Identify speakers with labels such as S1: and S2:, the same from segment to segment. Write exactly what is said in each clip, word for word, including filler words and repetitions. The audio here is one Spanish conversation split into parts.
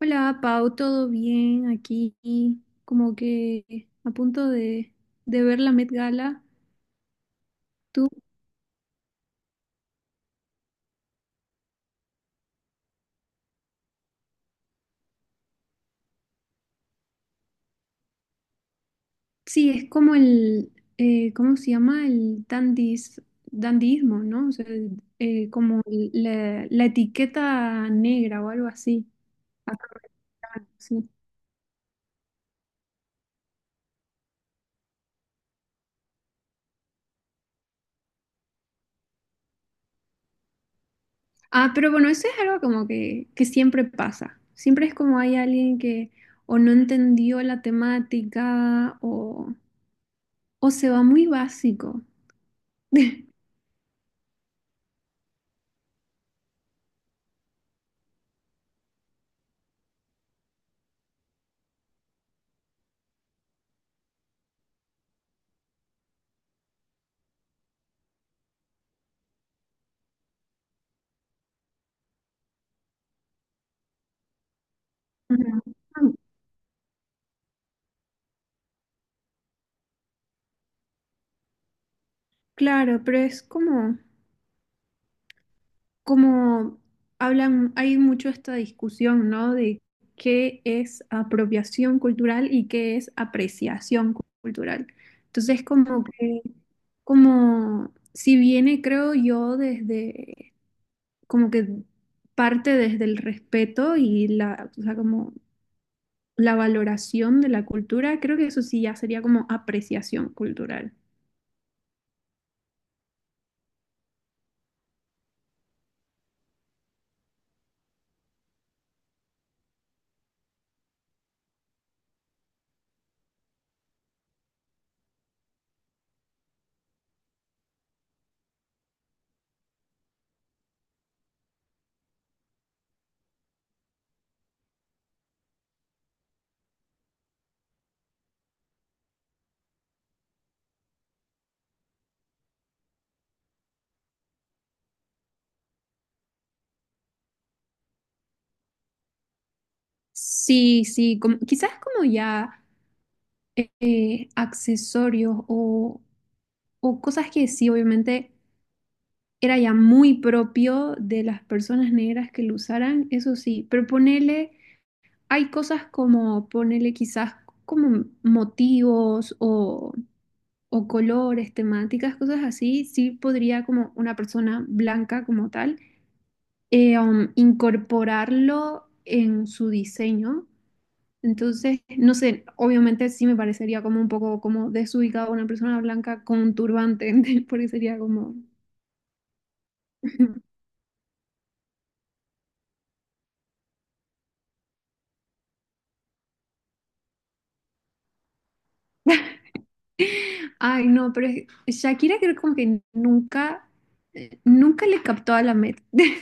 S1: Hola, Pau, ¿todo bien aquí? Como que a punto de, de ver la Met Gala. Tú, sí, es como el, eh, ¿cómo se llama? El dandis, dandismo, ¿no? O sea, el- eh, como el- la, la etiqueta negra o algo así. Acá, sí. Ah, pero bueno, eso es algo como que, que siempre pasa. Siempre es como hay alguien que o no entendió la temática o, o se va muy básico. Ujú. Ah, claro, pero es como, como hablan, hay mucho esta discusión, ¿no? De qué es apropiación cultural y qué es apreciación cu- cultural. Entonces, como que, como si viene, creo yo, desde, como que parte desde el respeto y la, o sea, como la valoración de la cultura, creo que eso sí ya sería como apreciación cultural. Sí, sí, como, quizás como ya. eh, eh, accesorios o, o cosas que sí, obviamente era ya muy propio de las personas negras que lo usaran, eso sí, pero ponele, hay cosas como ponele quizás como motivos o, o colores, temáticas, cosas así, sí podría como una persona blanca como tal eh, um, incorporarlo en su diseño. Entonces, no sé, obviamente sí me parecería como un poco como desubicado una persona blanca con un turbante, porque sería como... Ay, no, pero es- Shakira creo como que nunca, eh, nunca le captó a la Met.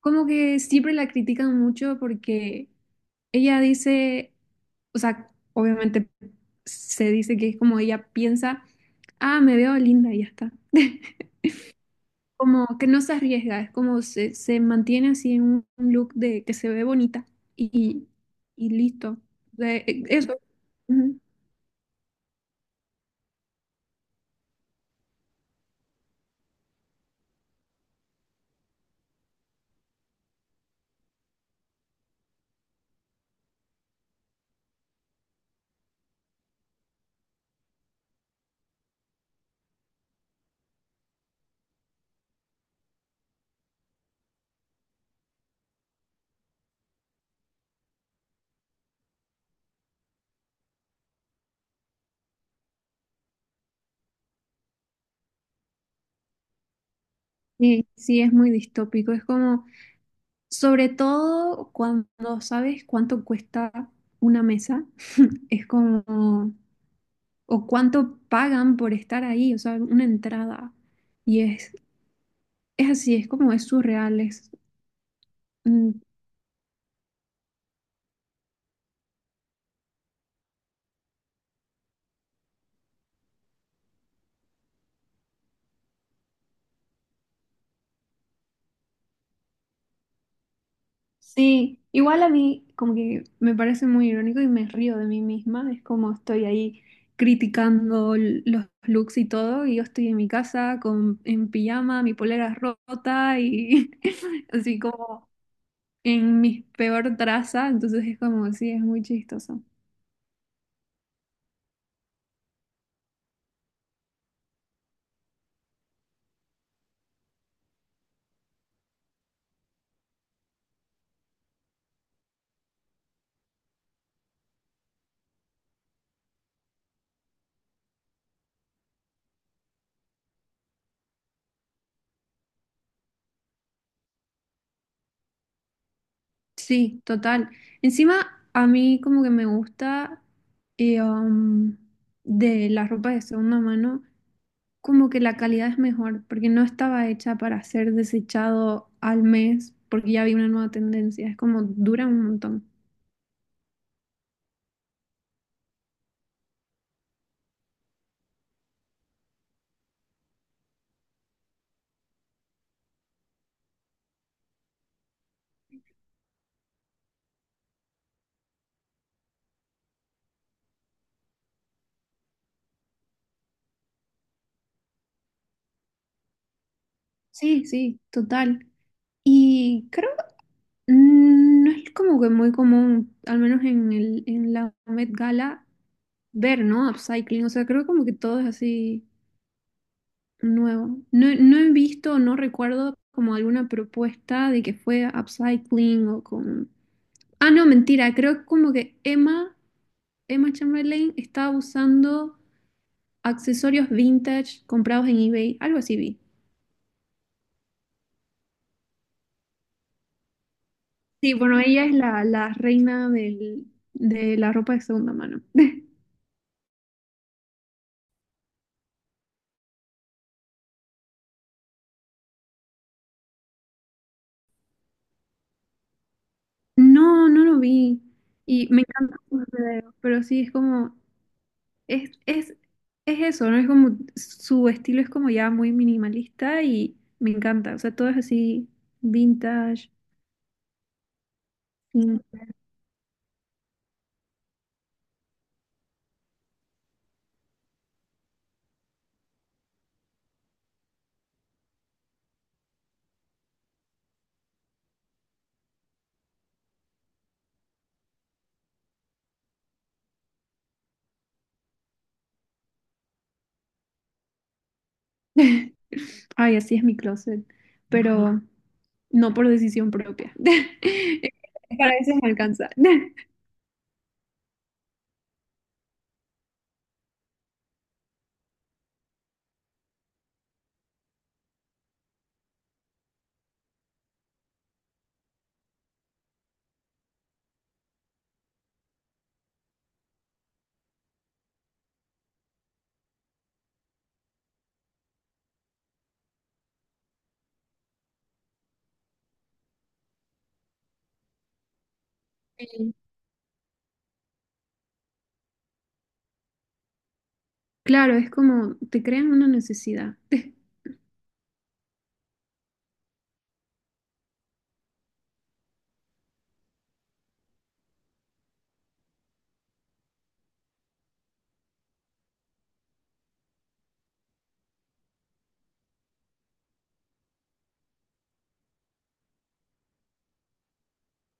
S1: Como que siempre la critican mucho porque ella dice, o sea, obviamente se dice que es como ella piensa, ah, me veo linda y ya está. Como que no se arriesga, es como se, se mantiene así en un un look de que se ve bonita y, y listo. De- eh, eso. Ujú. Sí, sí, es muy distópico. Es como, sobre todo cuando no sabes cuánto cuesta una mesa, es como, o cuánto pagan por estar ahí, o sea, una entrada. Y es, es así, es como, es surreal, es, mm, sí, igual a mí como que me parece muy irónico y me río de mí misma, es como estoy ahí criticando l- los looks y todo, y yo estoy en mi casa con, en pijama, mi polera rota y así como en mi peor traza, entonces es como, sí, es muy chistoso. Sí, total. Encima a mí como que me gusta eh, um, de la ropa de segunda mano. Como que la calidad es mejor, porque no estaba hecha para ser desechado al mes, porque ya había una nueva tendencia, es como dura un montón. Sí, sí, total. Y creo que mm, no es como que muy común, al menos en el, en la Met Gala, ver, ¿no? Upcycling, o sea, creo como que todo es así nuevo. No, no he visto, no recuerdo como alguna propuesta de que fue upcycling o con... Ah, no, mentira, creo como que Emma Emma Chamberlain estaba usando accesorios vintage comprados en eBay, algo así vi. Sí, bueno, ella es la, la reina del- de la ropa de segunda mano. No, no lo vi. Y me encantan sus videos, pero sí, es como, es, es, es eso, ¿no? Es como, su estilo es como ya muy minimalista y me encanta. O sea, todo es así, vintage. Mm. Ay, así es mi closet. Pero, no por decisión propia. Para eso me alcanza. Sí, claro, es como te crean una necesidad.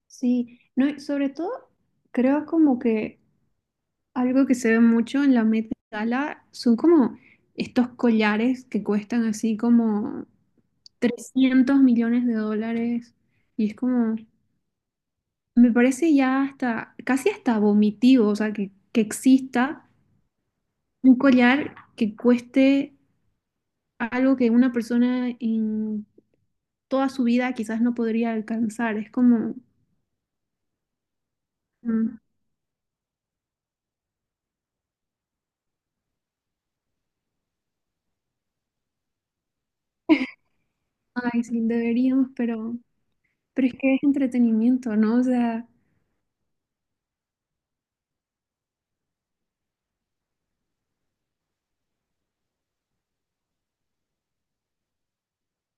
S1: Sí. No, y sobre todo creo como que algo que se ve mucho en la Met Gala son como estos collares que cuestan así como trescientos millones de dólares. Y es como, me parece ya hasta, casi hasta vomitivo, o sea, que, que exista un collar que cueste algo que una persona en toda su vida quizás no podría alcanzar. Es como, mm, ay, sí, deberíamos, pero, pero es que es entretenimiento, ¿no? O sea,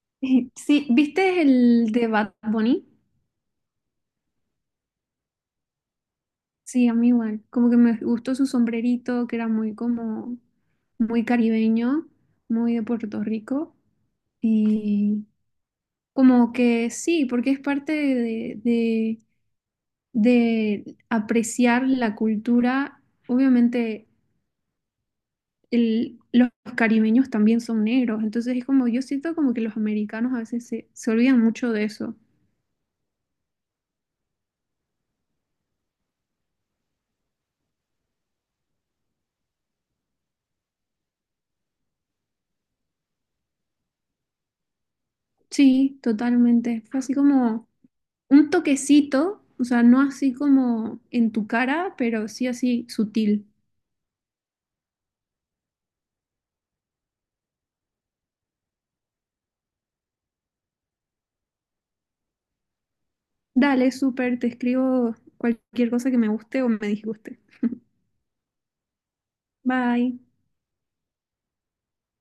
S1: sí, ¿viste el de Bad Bunny? Sí, a mí igual. Como que me gustó su sombrerito, que era muy como, muy caribeño, muy de Puerto Rico. Y como que sí, porque es parte de, de de apreciar la cultura. Obviamente el- los caribeños también son negros, entonces es como yo siento como que los americanos a veces se, se olvidan mucho de eso. Sí, totalmente. Fue así como un toquecito, o sea, no así como en tu cara, pero sí así sutil. Dale, súper, te escribo cualquier cosa que me guste o me disguste. Bye.